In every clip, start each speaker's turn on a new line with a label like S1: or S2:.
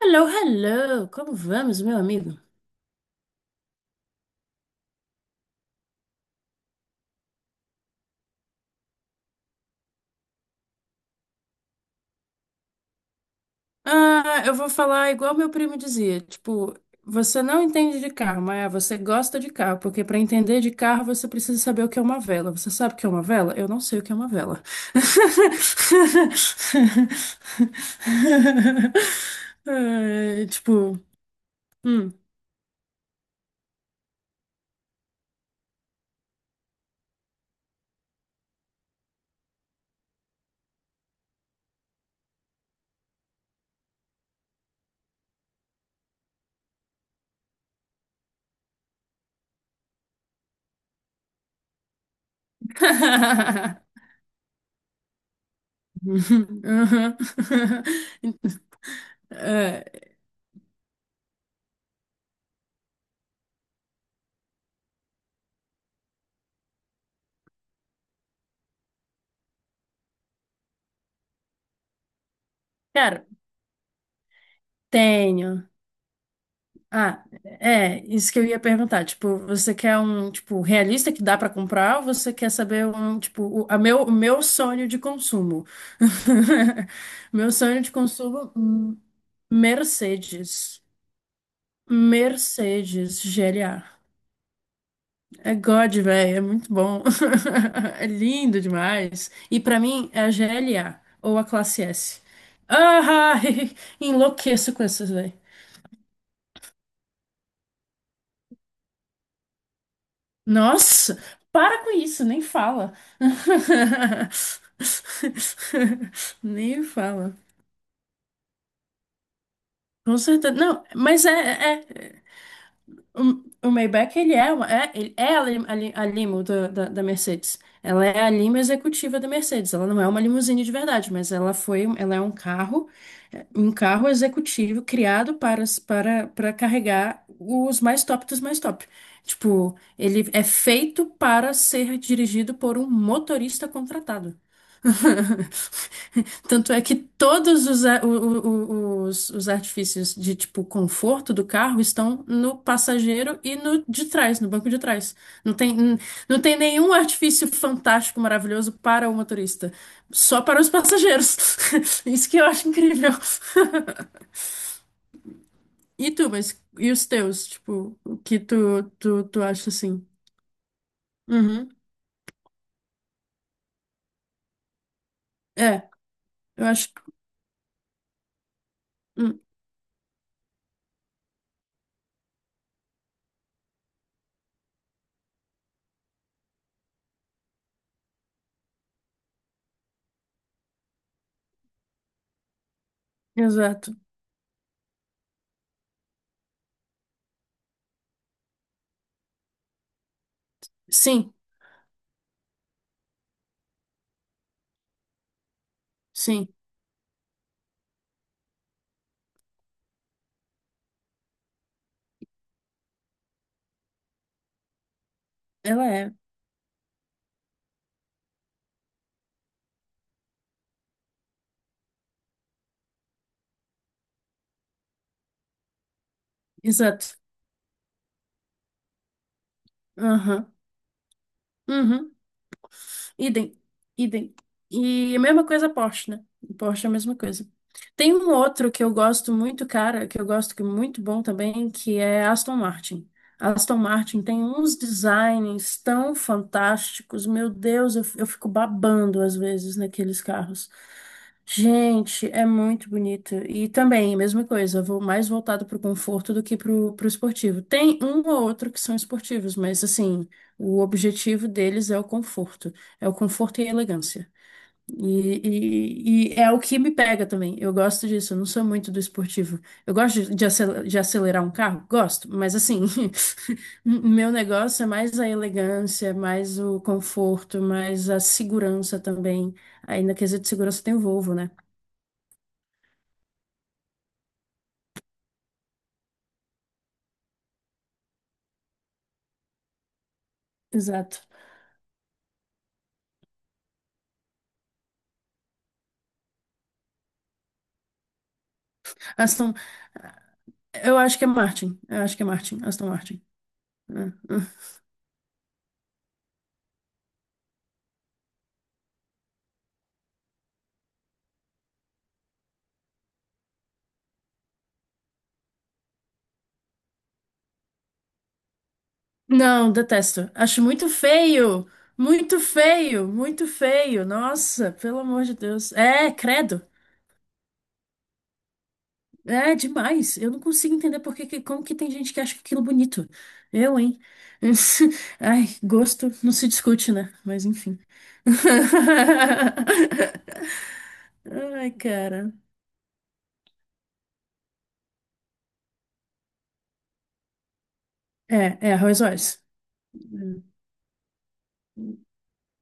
S1: Hello, hello! Como vamos, meu amigo? Ah, eu vou falar igual meu primo dizia, tipo, você não entende de carro, mas você gosta de carro, porque para entender de carro você precisa saber o que é uma vela. Você sabe o que é uma vela? Eu não sei o que é uma vela. É, tipo, hum. Uhum. É, cara, tenho. Ah, é, isso que eu ia perguntar. Tipo, você quer um, tipo, realista que dá pra comprar ou você quer saber um, tipo, o meu sonho de consumo? Meu sonho de consumo, Mercedes. Mercedes GLA. É God, velho, é muito bom. É lindo demais. E pra mim é a GLA ou a classe S. Ah, enlouqueço com essas. Nossa, para com isso, nem fala. Nem fala. Com certeza. Não, mas é, é. O Maybach, ele é a, a limo da Mercedes. Ela é a lima executiva da Mercedes. Ela não é uma limusine de verdade, mas ela é um carro, um carro executivo criado para carregar os mais top dos mais top. Tipo, ele é feito para ser dirigido por um motorista contratado. Tanto é que todos os, a- o- os artifícios de tipo conforto do carro estão no passageiro e no de trás, no banco de trás. Não tem, n- não tem nenhum artifício fantástico, maravilhoso para o motorista. Só para os passageiros. Isso que eu acho incrível. E tu, mas e os teus? Tipo, o que tu acha assim? Uhum. É, eu acho. Hum, exato. Sim, sim. Ela é. Exato. Aham. Uhum. Idem, idem. E a mesma coisa Porsche, né? Porsche é a mesma coisa. Tem um outro que eu gosto muito, cara, que eu gosto que é muito bom também, que é Aston Martin. Aston Martin tem uns designs tão fantásticos, meu Deus, eu fico babando às vezes naqueles carros. Gente, é muito bonito. E também, a mesma coisa, vou mais voltado pro conforto do que pro esportivo. Tem um ou outro que são esportivos, mas assim, o objetivo deles é o conforto. É o conforto e a elegância. E é o que me pega também. Eu gosto disso. Eu não sou muito do esportivo. Eu gosto de acelerar um carro? Gosto, mas assim, meu negócio é mais a elegância, mais o conforto, mais a segurança também. Aí na quesito de segurança tem o Volvo, né? Exato. Aston, eu acho que é Martin. Eu acho que é Martin. Aston Martin. Né? Não, detesto. Acho muito feio. Muito feio, muito feio. Nossa, pelo amor de Deus. É, credo. É demais. Eu não consigo entender como que tem gente que acha aquilo bonito. Eu, hein? Ai, gosto não se discute, né? Mas enfim. Ai, cara. É, é arroz Oz.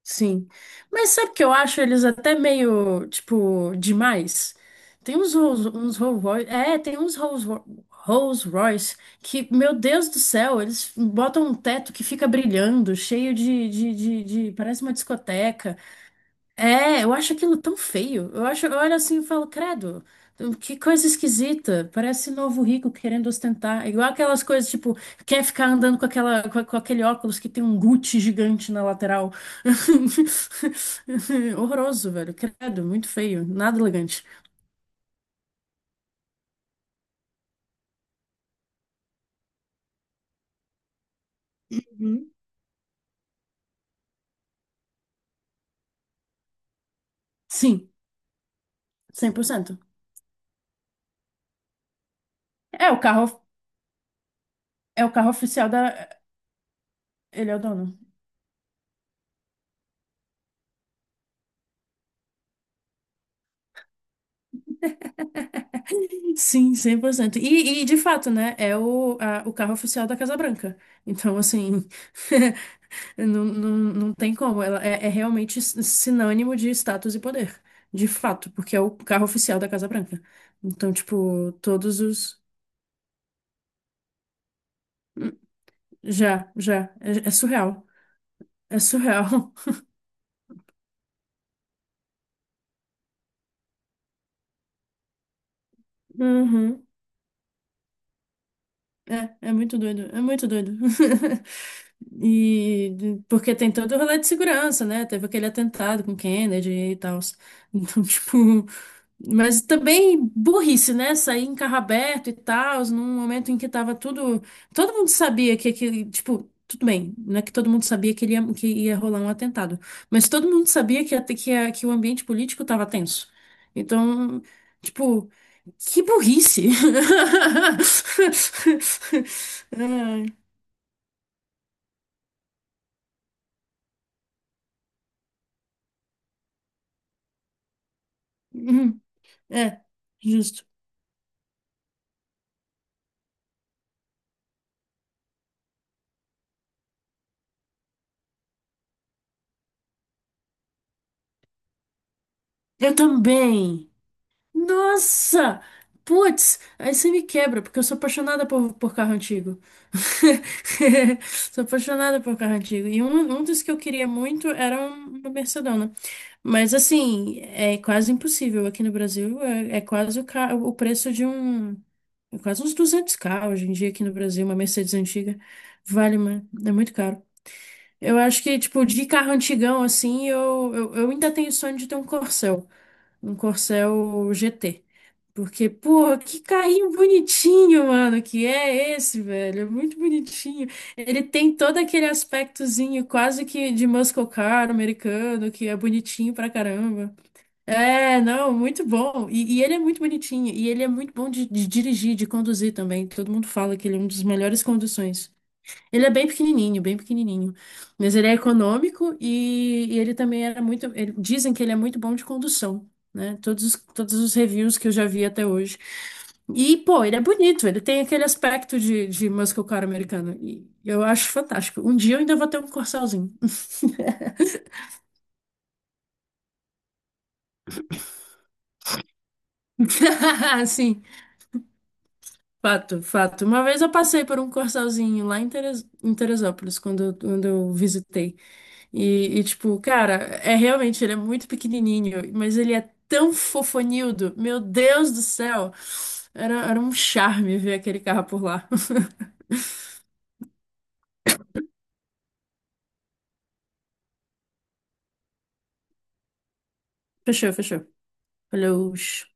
S1: Sim. Mas sabe o que eu acho eles até meio, tipo, demais? Tem uns Rolls uns Rolls Royce, é, tem uns Rolls, Ro- Rolls Royce que, meu Deus do céu, eles botam um teto que fica brilhando, cheio de parece uma discoteca. É, eu acho aquilo tão feio. Eu olho assim e falo, credo, que coisa esquisita. Parece novo rico querendo ostentar. É igual aquelas coisas, tipo, quer ficar andando com aquela, com aquele óculos que tem um Gucci gigante na lateral. Horroroso, velho. Credo, muito feio. Nada elegante. Uhum. Sim, 100%. É o carro, é o carro oficial da. Ele é o dono. Sim, 100%. E de fato, né? É o carro oficial da Casa Branca. Então, assim. Não, não, não tem como. Ela é realmente sinônimo de status e poder. De fato, porque é o carro oficial da Casa Branca. Então, tipo, todos os. Hum, Já, já. É surreal. É surreal. Uhum. É, é muito doido. É muito doido. E porque tem todo o rolê de segurança, né? Teve aquele atentado com Kennedy e tal. Então, tipo, mas também burrice, né? Sair em carro aberto e tal, num momento em que tava tudo, todo mundo sabia que aquele, tipo, tudo bem, não é que todo mundo sabia que ia rolar um atentado, mas todo mundo sabia que, até que, a- que o ambiente político tava tenso. Então, tipo, que burrice. Ai. Uhum. É, justo. Eu também. Nossa! Putz, aí você me quebra, porque eu sou apaixonada por carro antigo. Sou apaixonada por carro antigo. E um dos que eu queria muito era uma Mercedona. Mas assim, é quase impossível aqui no Brasil. É quase o preço de um. É quase uns 200K hoje em dia aqui no Brasil. Uma Mercedes antiga é muito caro. Eu acho que, tipo, de carro antigão, assim, eu ainda tenho sonho de ter um Corcel. Um Corsel GT. Porque, pô, que carrinho bonitinho, mano, que é esse, velho? É muito bonitinho. Ele tem todo aquele aspectozinho quase que de muscle car americano, que é bonitinho pra caramba. É, não, muito bom. E ele é muito bonitinho. E ele é muito bom de dirigir, de conduzir também. Todo mundo fala que ele é um dos melhores conduções. Ele é bem pequenininho, bem pequenininho. Mas ele é econômico e ele também era muito. Dizem que ele é muito bom de condução, né? Todos os reviews que eu já vi até hoje. E, pô, ele é bonito, ele tem aquele aspecto de muscle car americano. E eu acho fantástico. Um dia eu ainda vou ter um Corsalzinho. Sim, fato, fato. Uma vez eu passei por um Corsalzinho lá em em Teresópolis, quando eu visitei. E, tipo, cara, ele é muito pequenininho, mas ele é tão fofonildo. Meu Deus do céu! Era um charme ver aquele carro por lá. Fechou, fechou. Falou. Tchau, tchau.